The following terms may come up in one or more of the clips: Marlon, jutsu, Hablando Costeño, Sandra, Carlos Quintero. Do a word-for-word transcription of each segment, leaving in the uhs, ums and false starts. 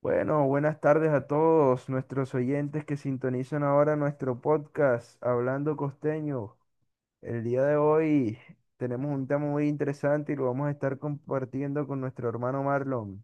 Bueno, buenas tardes a todos nuestros oyentes que sintonizan ahora nuestro podcast Hablando Costeño. El día de hoy tenemos un tema muy interesante y lo vamos a estar compartiendo con nuestro hermano Marlon.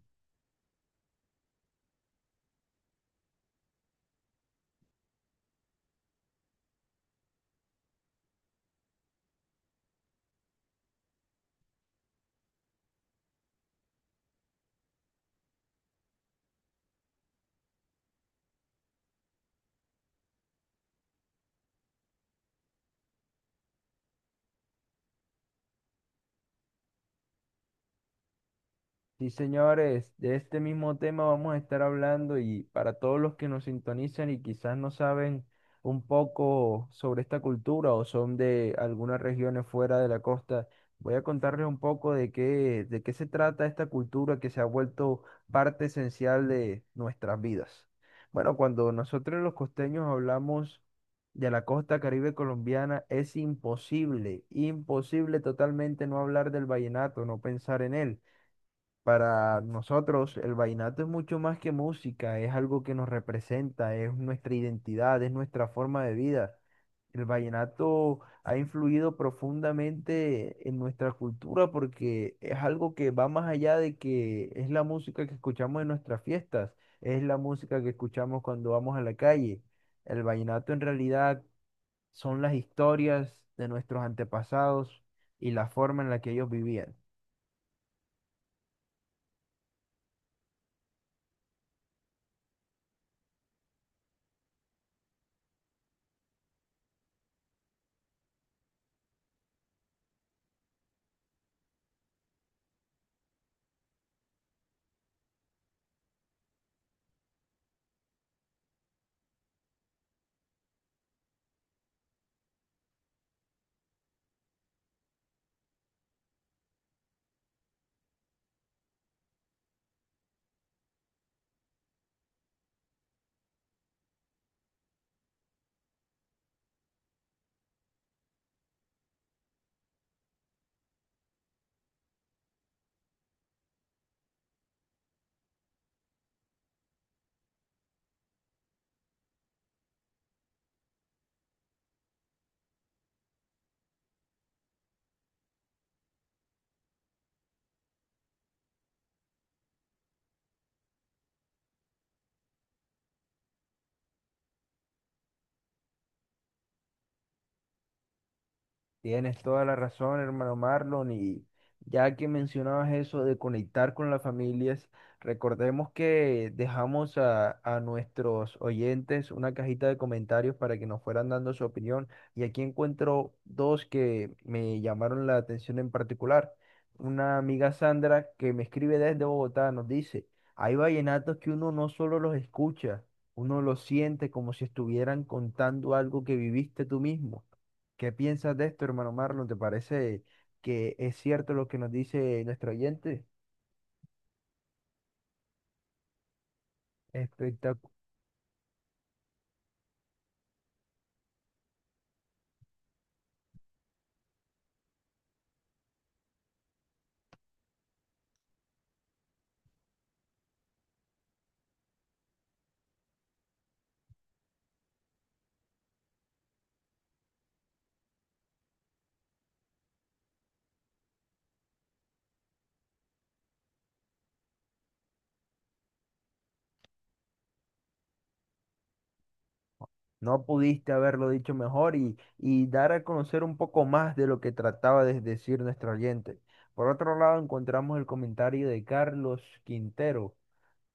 Sí, señores, de este mismo tema vamos a estar hablando y para todos los que nos sintonizan y quizás no saben un poco sobre esta cultura o son de algunas regiones fuera de la costa, voy a contarles un poco de qué, de qué se trata esta cultura que se ha vuelto parte esencial de nuestras vidas. Bueno, cuando nosotros los costeños hablamos de la costa Caribe colombiana, es imposible, imposible totalmente no hablar del vallenato, no pensar en él. Para nosotros el vallenato es mucho más que música, es algo que nos representa, es nuestra identidad, es nuestra forma de vida. El vallenato ha influido profundamente en nuestra cultura porque es algo que va más allá de que es la música que escuchamos en nuestras fiestas, es la música que escuchamos cuando vamos a la calle. El vallenato en realidad son las historias de nuestros antepasados y la forma en la que ellos vivían. Tienes toda la razón, hermano Marlon, y ya que mencionabas eso de conectar con las familias, recordemos que dejamos a, a nuestros oyentes una cajita de comentarios para que nos fueran dando su opinión, y aquí encuentro dos que me llamaron la atención en particular. Una amiga Sandra que me escribe desde Bogotá nos dice, hay vallenatos que uno no solo los escucha, uno los siente como si estuvieran contando algo que viviste tú mismo. ¿Qué piensas de esto, hermano Marlon? ¿Te parece que es cierto lo que nos dice nuestro oyente? Espectacular. No pudiste haberlo dicho mejor y, y dar a conocer un poco más de lo que trataba de decir nuestro oyente. Por otro lado, encontramos el comentario de Carlos Quintero,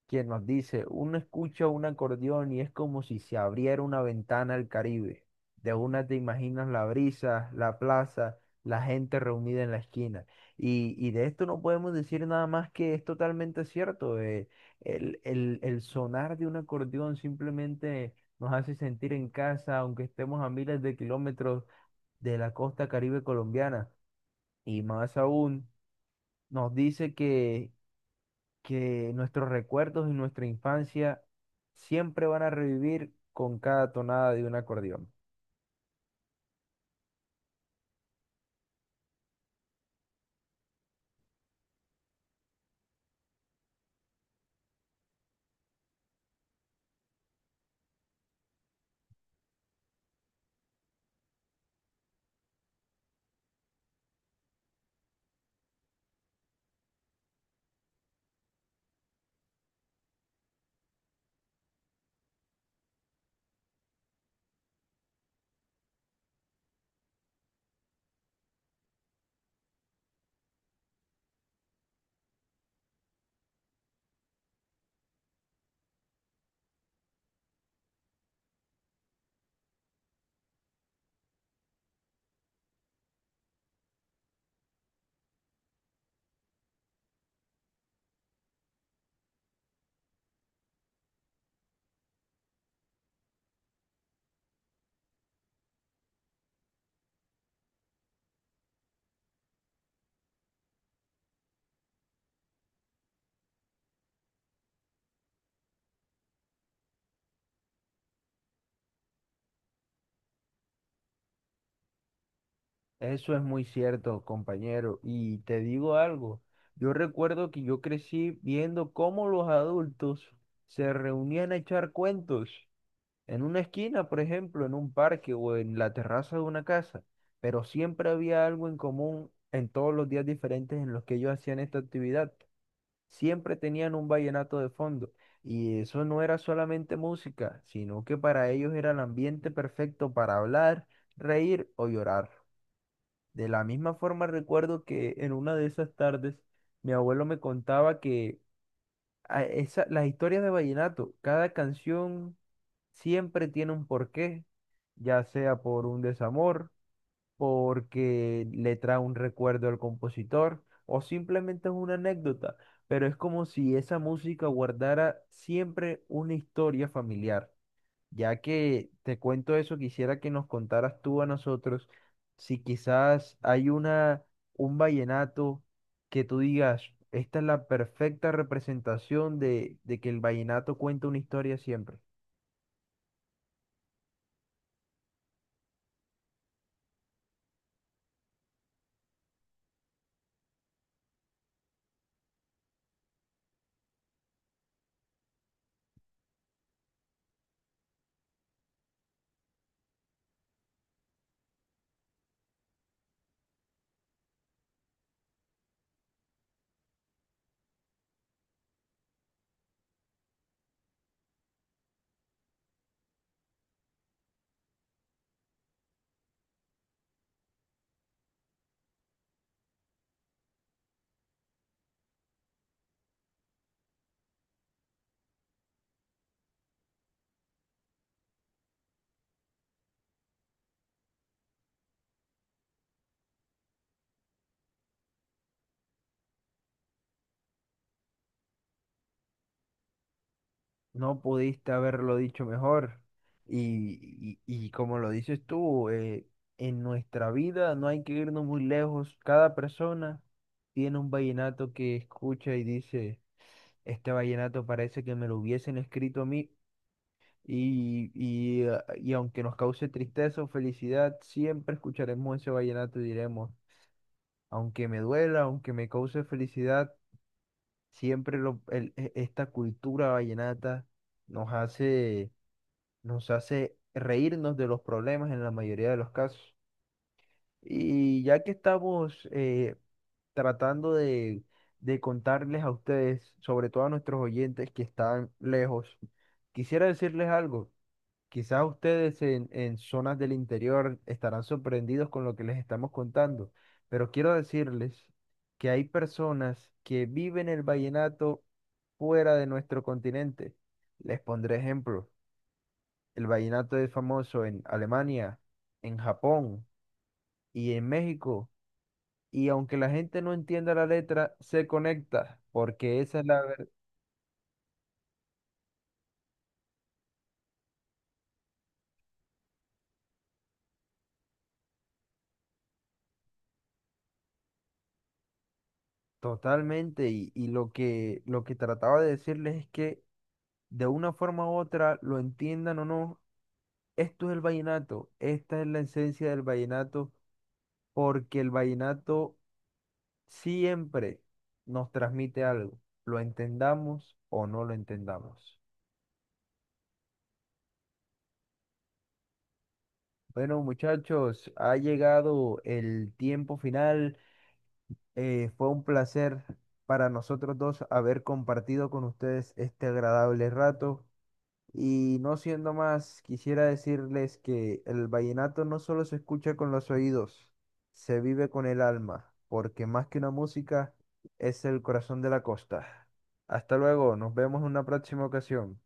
quien nos dice, uno escucha un acordeón y es como si se abriera una ventana al Caribe. De una te imaginas la brisa, la plaza, la gente reunida en la esquina. Y, y de esto no podemos decir nada más que es totalmente cierto. eh, el, el, el sonar de un acordeón simplemente nos hace sentir en casa, aunque estemos a miles de kilómetros de la costa Caribe colombiana. Y más aún, nos dice que nuestros recuerdos y nuestra infancia siempre van a revivir con cada tonada de un acordeón. Eso es muy cierto, compañero. Y te digo algo, yo recuerdo que yo crecí viendo cómo los adultos se reunían a echar cuentos en una esquina, por ejemplo, en un parque o en la terraza de una casa, pero siempre había algo en común en todos los días diferentes en los que ellos hacían esta actividad. Siempre tenían un vallenato de fondo. Y eso no era solamente música, sino que para ellos era el ambiente perfecto para hablar, reír o llorar. De la misma forma recuerdo que en una de esas tardes mi abuelo me contaba que a esa- las historias de vallenato, cada canción siempre tiene un porqué, ya sea por un desamor porque le trae un recuerdo al compositor o simplemente es una anécdota, pero es como si esa música guardara siempre una historia familiar. Ya que te cuento eso, quisiera que nos contaras tú a nosotros si quizás hay una un vallenato que tú digas, esta es la perfecta representación de, de que el vallenato cuenta una historia siempre. No pudiste haberlo dicho mejor. Y, y- y como lo dices tú, eh, en nuestra vida no hay que irnos muy lejos. Cada persona tiene un vallenato que escucha y dice, este vallenato parece que me lo hubiesen escrito a mí. Y, y, ah, y aunque nos cause tristeza o felicidad, siempre escucharemos ese vallenato y diremos, aunque me duela, aunque me cause felicidad, siempre lo- el- e- esta cultura vallenata nos hace nos hace reírnos de los problemas en la mayoría de los casos. Y ya que estamos eh, tratando de, de contarles a ustedes, sobre todo a nuestros oyentes que están lejos, quisiera decirles algo. Quizás ustedes en, en zonas del interior estarán sorprendidos con lo que les estamos contando, pero quiero decirles que hay personas que viven el vallenato fuera de nuestro continente. Les pondré ejemplos. El vallenato es famoso en Alemania, en Japón y en México. Y aunque la gente no entienda la letra, se conecta, porque esa es la verdad. Totalmente. Y, y lo que, lo que trataba de decirles es que de una forma u otra, lo entiendan o no, esto es el vallenato. Esta es la esencia del vallenato, porque el vallenato siempre nos transmite algo, lo entendamos o no lo entendamos. Bueno, muchachos, ha llegado el tiempo final. Eh, fue un placer para nosotros dos haber compartido con ustedes este agradable rato. Y no siendo más, quisiera decirles que el vallenato no solo se escucha con los oídos, se vive con el alma, porque más que una música, es el corazón de la costa. Hasta luego, nos vemos en una próxima ocasión.